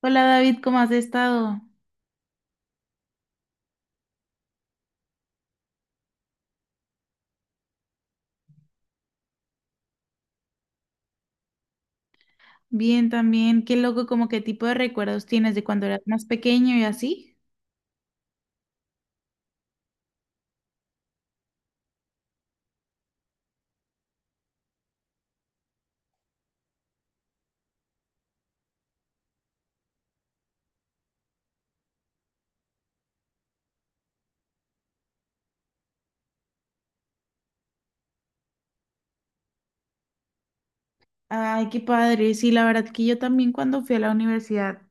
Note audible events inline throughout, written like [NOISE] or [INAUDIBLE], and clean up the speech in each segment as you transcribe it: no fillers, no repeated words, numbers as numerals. Hola David, ¿cómo has estado? Bien también. Qué loco, como qué tipo de recuerdos tienes de cuando eras más pequeño y así. Ay, qué padre. Sí, la verdad que yo también cuando fui a la universidad,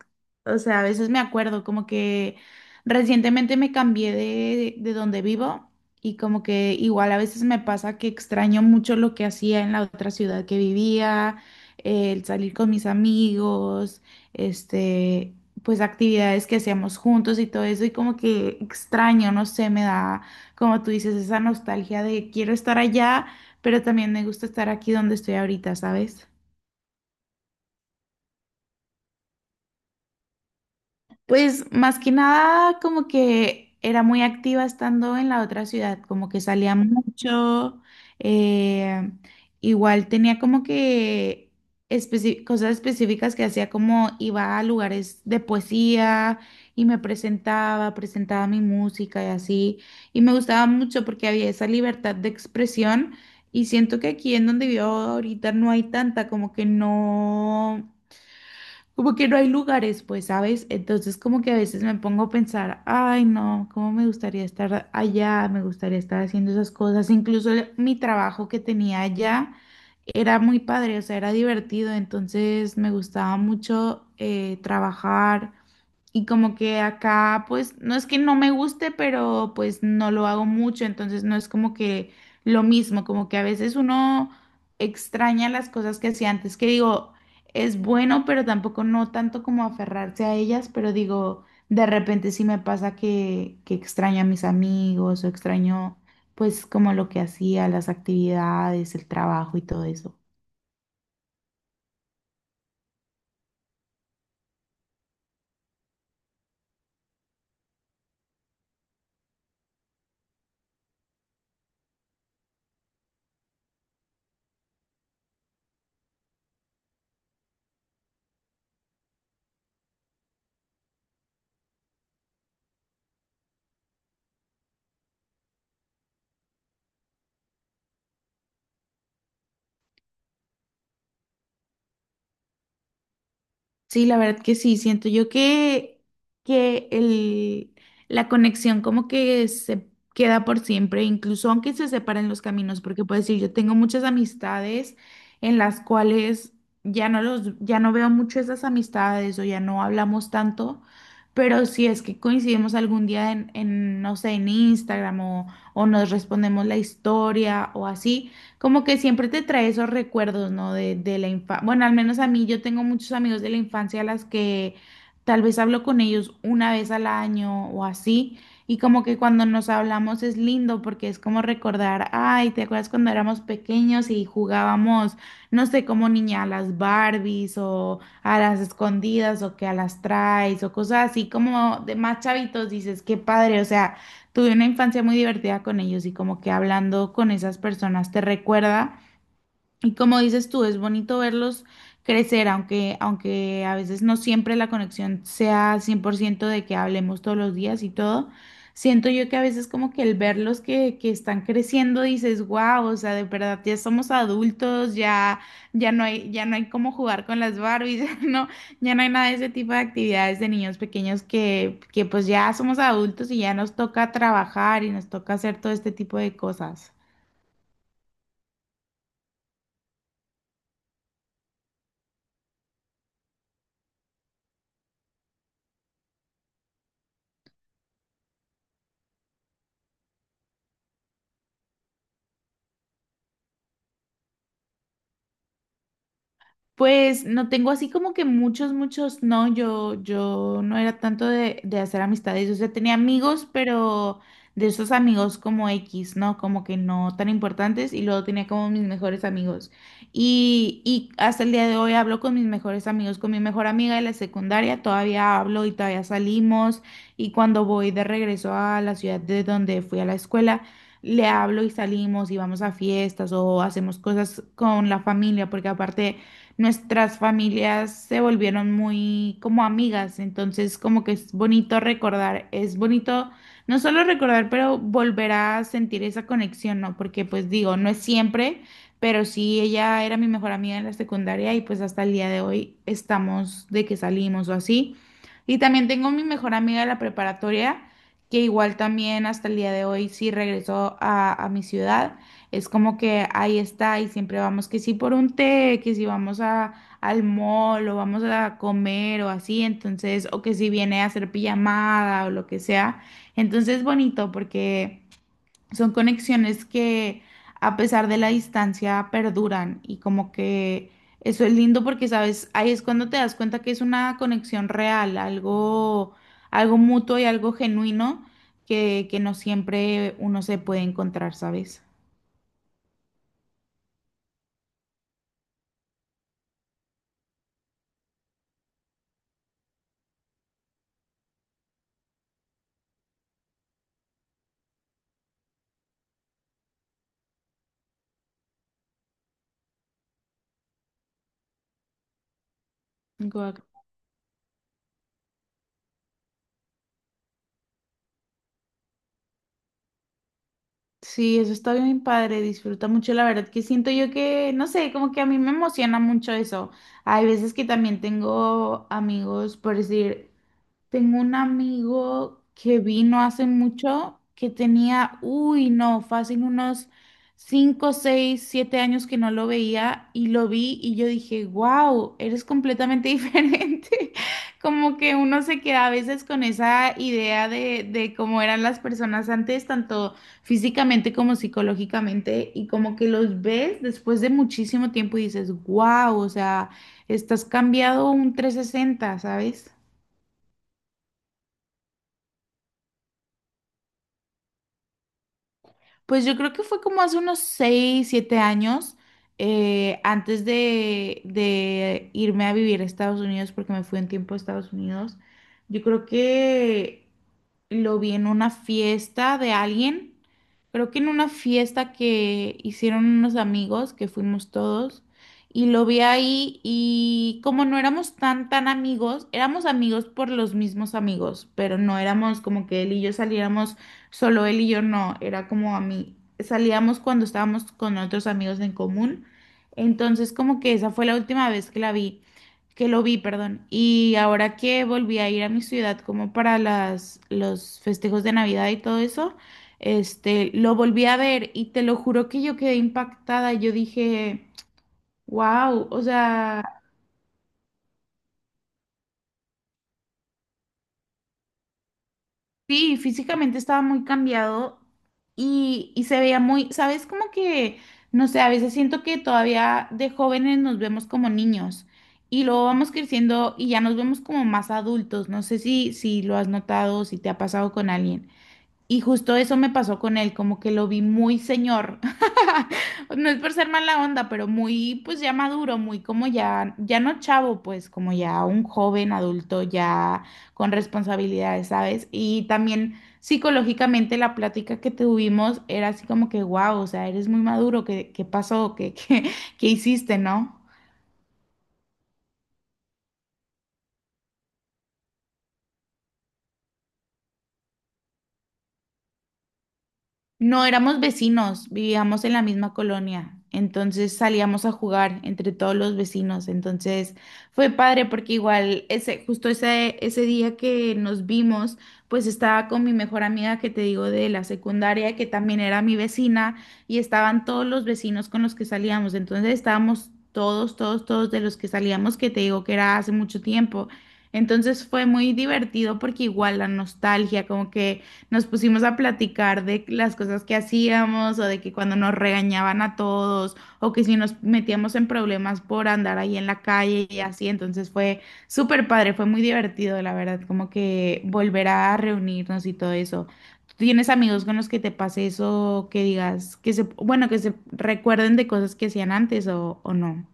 o sea, a veces me acuerdo como que recientemente me cambié de donde vivo y como que igual a veces me pasa que extraño mucho lo que hacía en la otra ciudad que vivía, el salir con mis amigos, este, pues actividades que hacíamos juntos y todo eso y como que extraño, no sé, me da, como tú dices, esa nostalgia de quiero estar allá, pero también me gusta estar aquí donde estoy ahorita, ¿sabes? Pues más que nada como que era muy activa estando en la otra ciudad, como que salía mucho, eh, igual tenía como que cosas específicas que hacía, como iba a lugares de poesía y me presentaba mi música y así, y me gustaba mucho porque había esa libertad de expresión y siento que aquí en donde vivo ahorita no hay tanta, como que no hay lugares, pues, ¿sabes? Entonces como que a veces me pongo a pensar, ay, no, cómo me gustaría estar allá, me gustaría estar haciendo esas cosas. Incluso mi trabajo que tenía allá era muy padre, o sea, era divertido, entonces me gustaba mucho trabajar. Y como que acá, pues, no es que no me guste, pero pues no lo hago mucho, entonces no es como que lo mismo, como que a veces uno extraña las cosas que hacía antes, que digo, es bueno, pero tampoco no tanto como aferrarse a ellas, pero digo, de repente sí me pasa que extraño a mis amigos o extraño pues como lo que hacía, las actividades, el trabajo y todo eso. Sí, la verdad que sí, siento yo que la conexión como que se queda por siempre, incluso aunque se separen los caminos, porque puedo decir, yo tengo muchas amistades en las cuales ya no veo mucho esas amistades o ya no hablamos tanto, pero si es que coincidimos algún día no sé, en Instagram o nos respondemos la historia o así como que siempre te trae esos recuerdos, ¿no? De la infancia. Bueno, al menos a mí, yo tengo muchos amigos de la infancia a las que tal vez hablo con ellos una vez al año o así. Y como que cuando nos hablamos es lindo porque es como recordar, ay, ¿te acuerdas cuando éramos pequeños y jugábamos, no sé, como niña a las Barbies o a las escondidas o que a las traes o cosas así como de más chavitos? Dices, qué padre, o sea, tuve una infancia muy divertida con ellos y como que hablando con esas personas te recuerda, y como dices tú, es bonito verlos crecer, aunque, aunque a veces no siempre la conexión sea 100% de que hablemos todos los días y todo. Siento yo que a veces como que el verlos que están creciendo dices, wow, o sea, de verdad ya somos adultos. Ya, ya no hay cómo jugar con las Barbies, [LAUGHS] no, ya no hay nada de ese tipo de actividades de niños pequeños que pues ya somos adultos y ya nos toca trabajar y nos toca hacer todo este tipo de cosas. Pues no tengo así como que muchos, muchos, no, yo no era tanto de hacer amistades, o sea, tenía amigos, pero de esos amigos como X, ¿no? Como que no tan importantes, y luego tenía como mis mejores amigos. Y hasta el día de hoy hablo con mis mejores amigos, con mi mejor amiga de la secundaria, todavía hablo y todavía salimos y cuando voy de regreso a la ciudad de donde fui a la escuela. Le hablo y salimos y vamos a fiestas o hacemos cosas con la familia, porque aparte nuestras familias se volvieron muy como amigas, entonces como que es bonito recordar, es bonito no solo recordar, pero volver a sentir esa conexión, ¿no? Porque pues digo, no es siempre, pero sí ella era mi mejor amiga en la secundaria y pues hasta el día de hoy estamos de que salimos o así. Y también tengo mi mejor amiga de la preparatoria, que igual también hasta el día de hoy sí regresó a mi ciudad. Es como que ahí está y siempre vamos que si por un té, que si vamos al mall, o vamos a comer o así, entonces, o que si viene a hacer pijamada o lo que sea. Entonces es bonito porque son conexiones que a pesar de la distancia perduran y como que eso es lindo porque, sabes, ahí es cuando te das cuenta que es una conexión real, algo, algo mutuo y algo genuino que no siempre uno se puede encontrar, ¿sabes? Guau. Sí, eso está bien padre, disfruta mucho, la verdad que siento yo que, no sé, como que a mí me emociona mucho eso. Hay veces que también tengo amigos, por decir, tengo un amigo que vino hace mucho, que tenía, uy, no, fácil unos 5, 6, 7 años que no lo veía, y lo vi y yo dije, wow, eres completamente [LAUGHS] diferente. Como que uno se queda a veces con esa idea de cómo eran las personas antes, tanto físicamente como psicológicamente, y como que los ves después de muchísimo tiempo y dices, wow, o sea, estás cambiado un 360, ¿sabes? Pues yo creo que fue como hace unos 6 7 años, antes de irme a vivir a Estados Unidos, porque me fui un tiempo a Estados Unidos. Yo creo que lo vi en una fiesta de alguien, creo que en una fiesta que hicieron unos amigos, que fuimos todos, y lo vi ahí, y como no éramos tan amigos, éramos amigos por los mismos amigos, pero no éramos como que él y yo saliéramos. Solo él y yo no, era como a mí. Salíamos cuando estábamos con otros amigos en común. Entonces, como que esa fue la última vez que la vi, que lo vi, perdón. Y ahora que volví a ir a mi ciudad como para los festejos de Navidad y todo eso, este, lo volví a ver y te lo juro que yo quedé impactada. Yo dije, wow, o sea, sí, físicamente estaba muy cambiado y se veía muy, ¿sabes? Como que, no sé, a veces siento que todavía de jóvenes nos vemos como niños y luego vamos creciendo y ya nos vemos como más adultos. No sé si lo has notado o si te ha pasado con alguien. Y justo eso me pasó con él, como que lo vi muy señor. [LAUGHS] No es por ser mala onda, pero muy, pues ya maduro, muy como ya, ya no chavo, pues como ya un joven adulto, ya con responsabilidades, ¿sabes? Y también psicológicamente la plática que tuvimos era así como que, wow, o sea, eres muy maduro. ¿Qué, qué pasó? ¿Qué, qué hiciste, no? No éramos vecinos, vivíamos en la misma colonia, entonces salíamos a jugar entre todos los vecinos, entonces fue padre porque igual ese día que nos vimos, pues estaba con mi mejor amiga que te digo de la secundaria, que también era mi vecina, y estaban todos los vecinos con los que salíamos, entonces estábamos todos, todos, todos de los que salíamos, que te digo que era hace mucho tiempo, entonces fue muy divertido porque igual la nostalgia, como que... Nos pusimos a platicar de las cosas que hacíamos, o de que cuando nos regañaban a todos, o que si nos metíamos en problemas por andar ahí en la calle y así. Entonces fue súper padre, fue muy divertido, la verdad, como que volver a reunirnos y todo eso. ¿Tú tienes amigos con los que te pase eso, que digas, que se recuerden de cosas que hacían antes o no?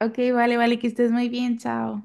Ok, vale, vale, que estés muy bien, chao.